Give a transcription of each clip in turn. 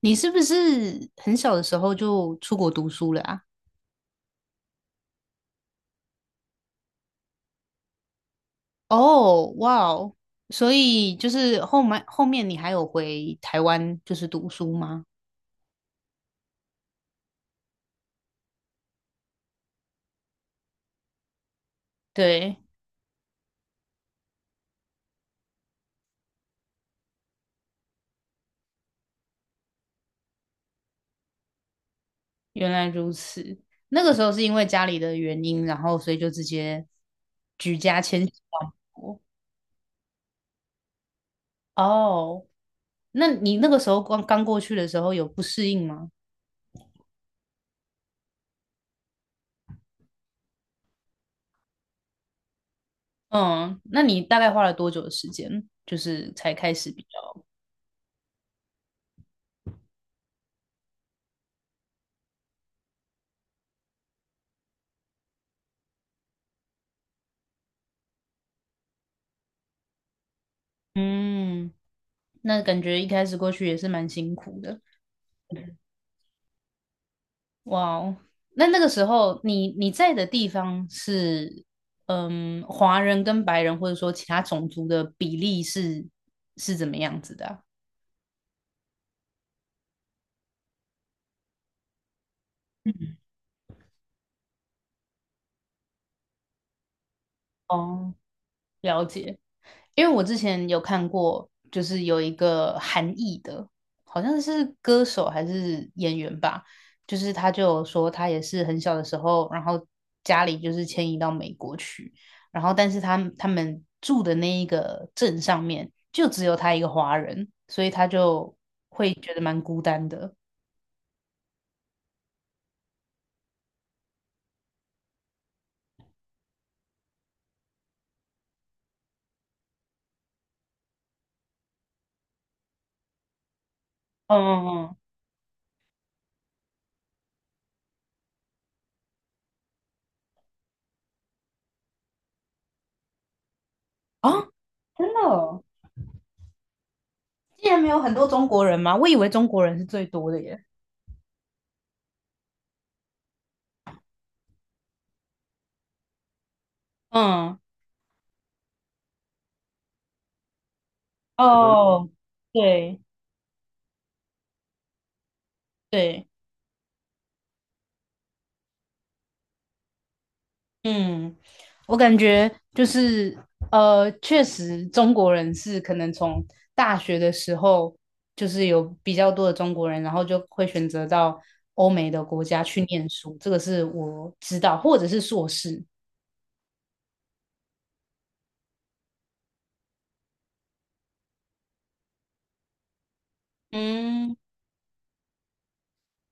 你是不是很小的时候就出国读书了啊？哦，哇哦，所以就是后面你还有回台湾就是读书吗？对。原来如此。那个时候是因为家里的原因，然后所以就直接举家迁徙到美国。哦，那你那个时候刚刚过去的时候有不适应吗？嗯，那你大概花了多久的时间，就是才开始比较？嗯，那感觉一开始过去也是蛮辛苦的。哇哦，那那个时候你在的地方是，嗯，华人跟白人或者说其他种族的比例是怎么样子的啊？嗯。哦，了解，因为我之前有看过，就是有一个韩裔的，好像是歌手还是演员吧，就是他就有说他也是很小的时候，然后家里就是迁移到美国去，然后但是他们住的那一个镇上面就只有他一个华人，所以他就会觉得蛮孤单的。嗯嗯嗯，啊，真的哦，竟然没有很多中国人吗？我以为中国人是最多的耶。嗯，哦，对。对。嗯，我感觉就是确实中国人是可能从大学的时候就是有比较多的中国人，然后就会选择到欧美的国家去念书，这个是我知道，或者是硕士。嗯。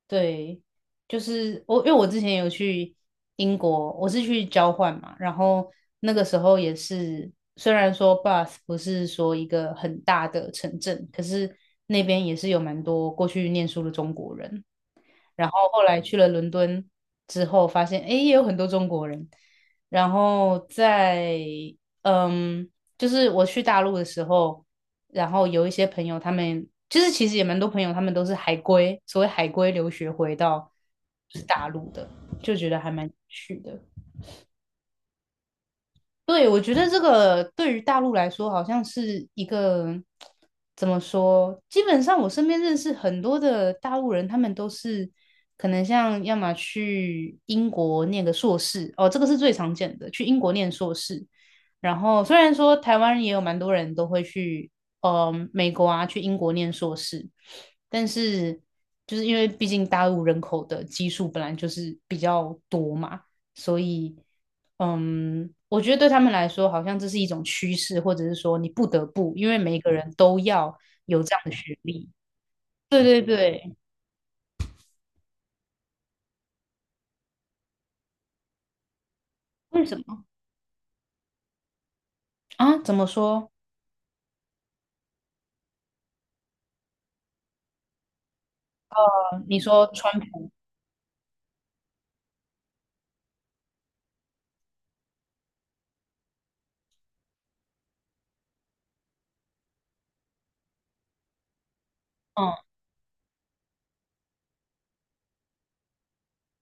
对，就是我，因为我之前有去英国，我是去交换嘛，然后那个时候也是，虽然说 Bath 不是说一个很大的城镇，可是那边也是有蛮多过去念书的中国人，然后后来去了伦敦之后，发现诶也有很多中国人，然后在，嗯，就是我去大陆的时候。然后有一些朋友他们就是其实也蛮多朋友他们都是海归，所谓海归留学回到大陆的，就觉得还蛮有趣的。对，我觉得这个对于大陆来说，好像是一个怎么说？基本上我身边认识很多的大陆人，他们都是可能像要么去英国念个硕士，哦，这个是最常见的，去英国念硕士。然后虽然说台湾也有蛮多人都会去，美国啊，去英国念硕士，但是就是因为毕竟大陆人口的基数本来就是比较多嘛。所以，嗯，我觉得对他们来说，好像这是一种趋势，或者是说你不得不，因为每一个人都要有这样的学历。对对对。为什么啊？怎么说？你说川普？嗯。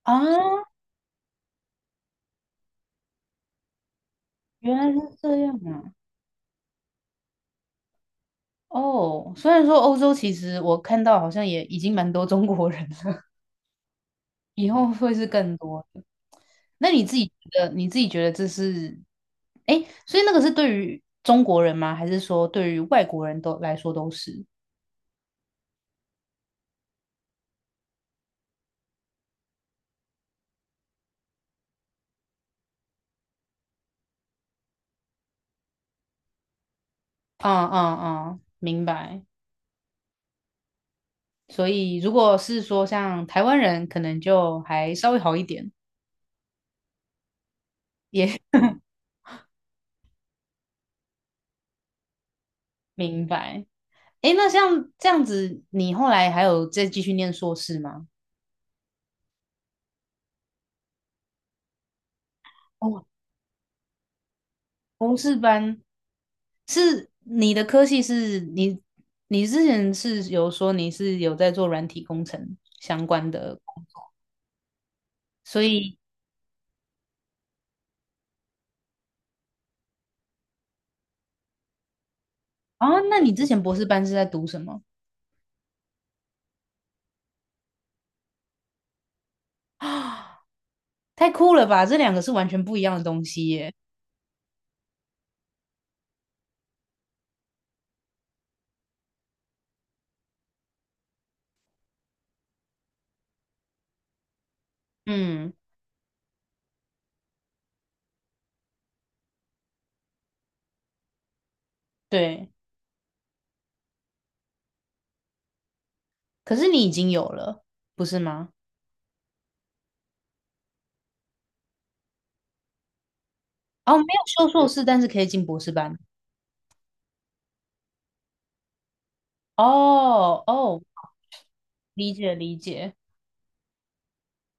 啊，原来是这样啊。哦，虽然说欧洲其实我看到好像也已经蛮多中国人了。以后会是更多的。那你自己觉得，你自己觉得这是，哎，所以那个是对于中国人吗？还是说对于外国人都来说都是？嗯嗯嗯，明白。所以如果是说像台湾人，可能就还稍微好一点，也 明白。哎，那像这样子，你后来还有再继续念硕士吗？哦，博士班，是你的科系是你，你之前是有说你是有在做软体工程相关的工作所以啊，那你之前博士班是在读什么啊？太酷了吧！这两个是完全不一样的东西耶。嗯，对。可是你已经有了，不是吗？哦，没有修硕士，但是可以进博士班。哦哦，理解理解。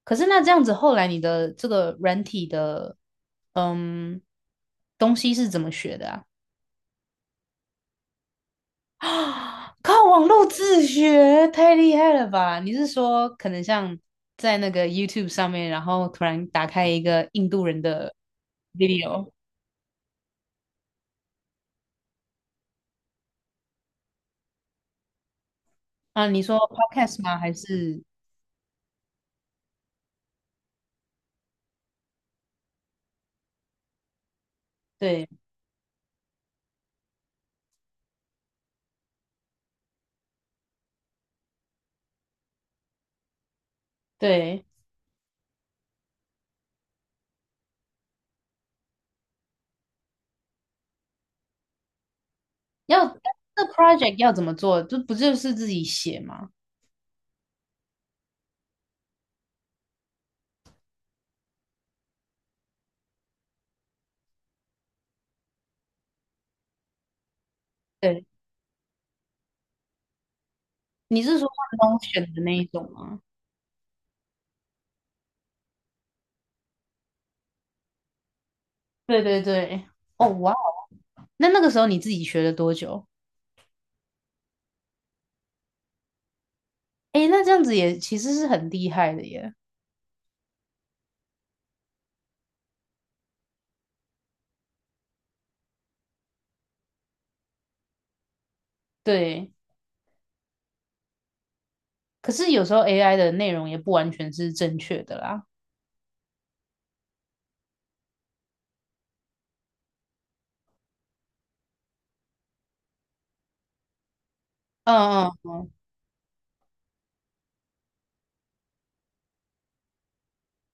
可是那这样子，后来你的这个软体的，嗯，东西是怎么学的啊？啊，靠网络自学，太厉害了吧？你是说可能像在那个 YouTube 上面，然后突然打开一个印度人的 video 啊？你说 podcast 吗？还是对对，要这 project 要怎么做？这不就是自己写吗？对，你是说像 n 选的那一种吗？对对对，哦哇哦，那那个时候你自己学了多久？诶，那这样子也其实是很厉害的耶。对，可是有时候 AI 的内容也不完全是正确的啦。嗯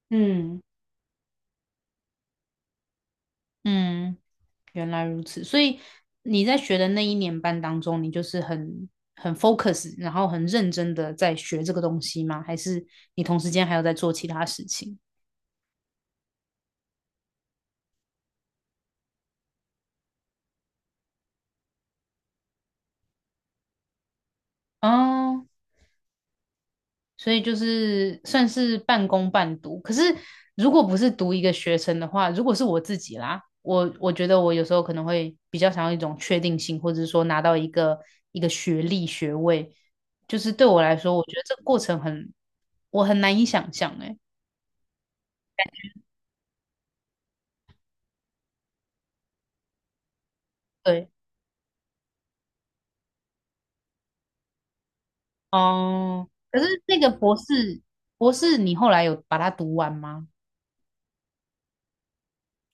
嗯嗯嗯，原来如此。所以你在学的那一年班当中，你就是很 focus，然后很认真的在学这个东西吗？还是你同时间还有在做其他事情？哦，所以就是算是半工半读。可是如果不是读一个学程的话，如果是我自己啦，我觉得我有时候可能会比较想要一种确定性，或者是说拿到一个学历学位，就是对我来说，我觉得这个过程很我很难以想象哎、对，哦，可是那个博士博士，你后来有把它读完吗？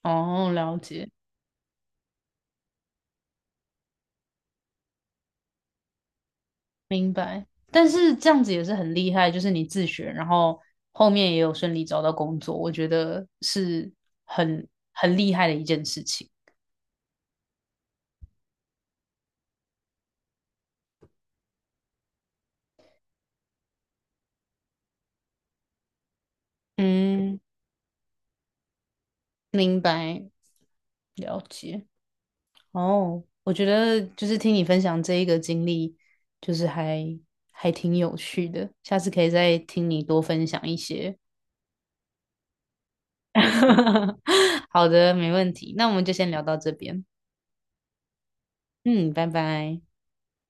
哦，了解。明白，但是这样子也是很厉害，就是你自学，然后后面也有顺利找到工作，我觉得是很厉害的一件事情。嗯，明白，了解。哦，我觉得就是听你分享这一个经历，就是还挺有趣的，下次可以再听你多分享一些。好的，没问题。那我们就先聊到这边。嗯，拜拜。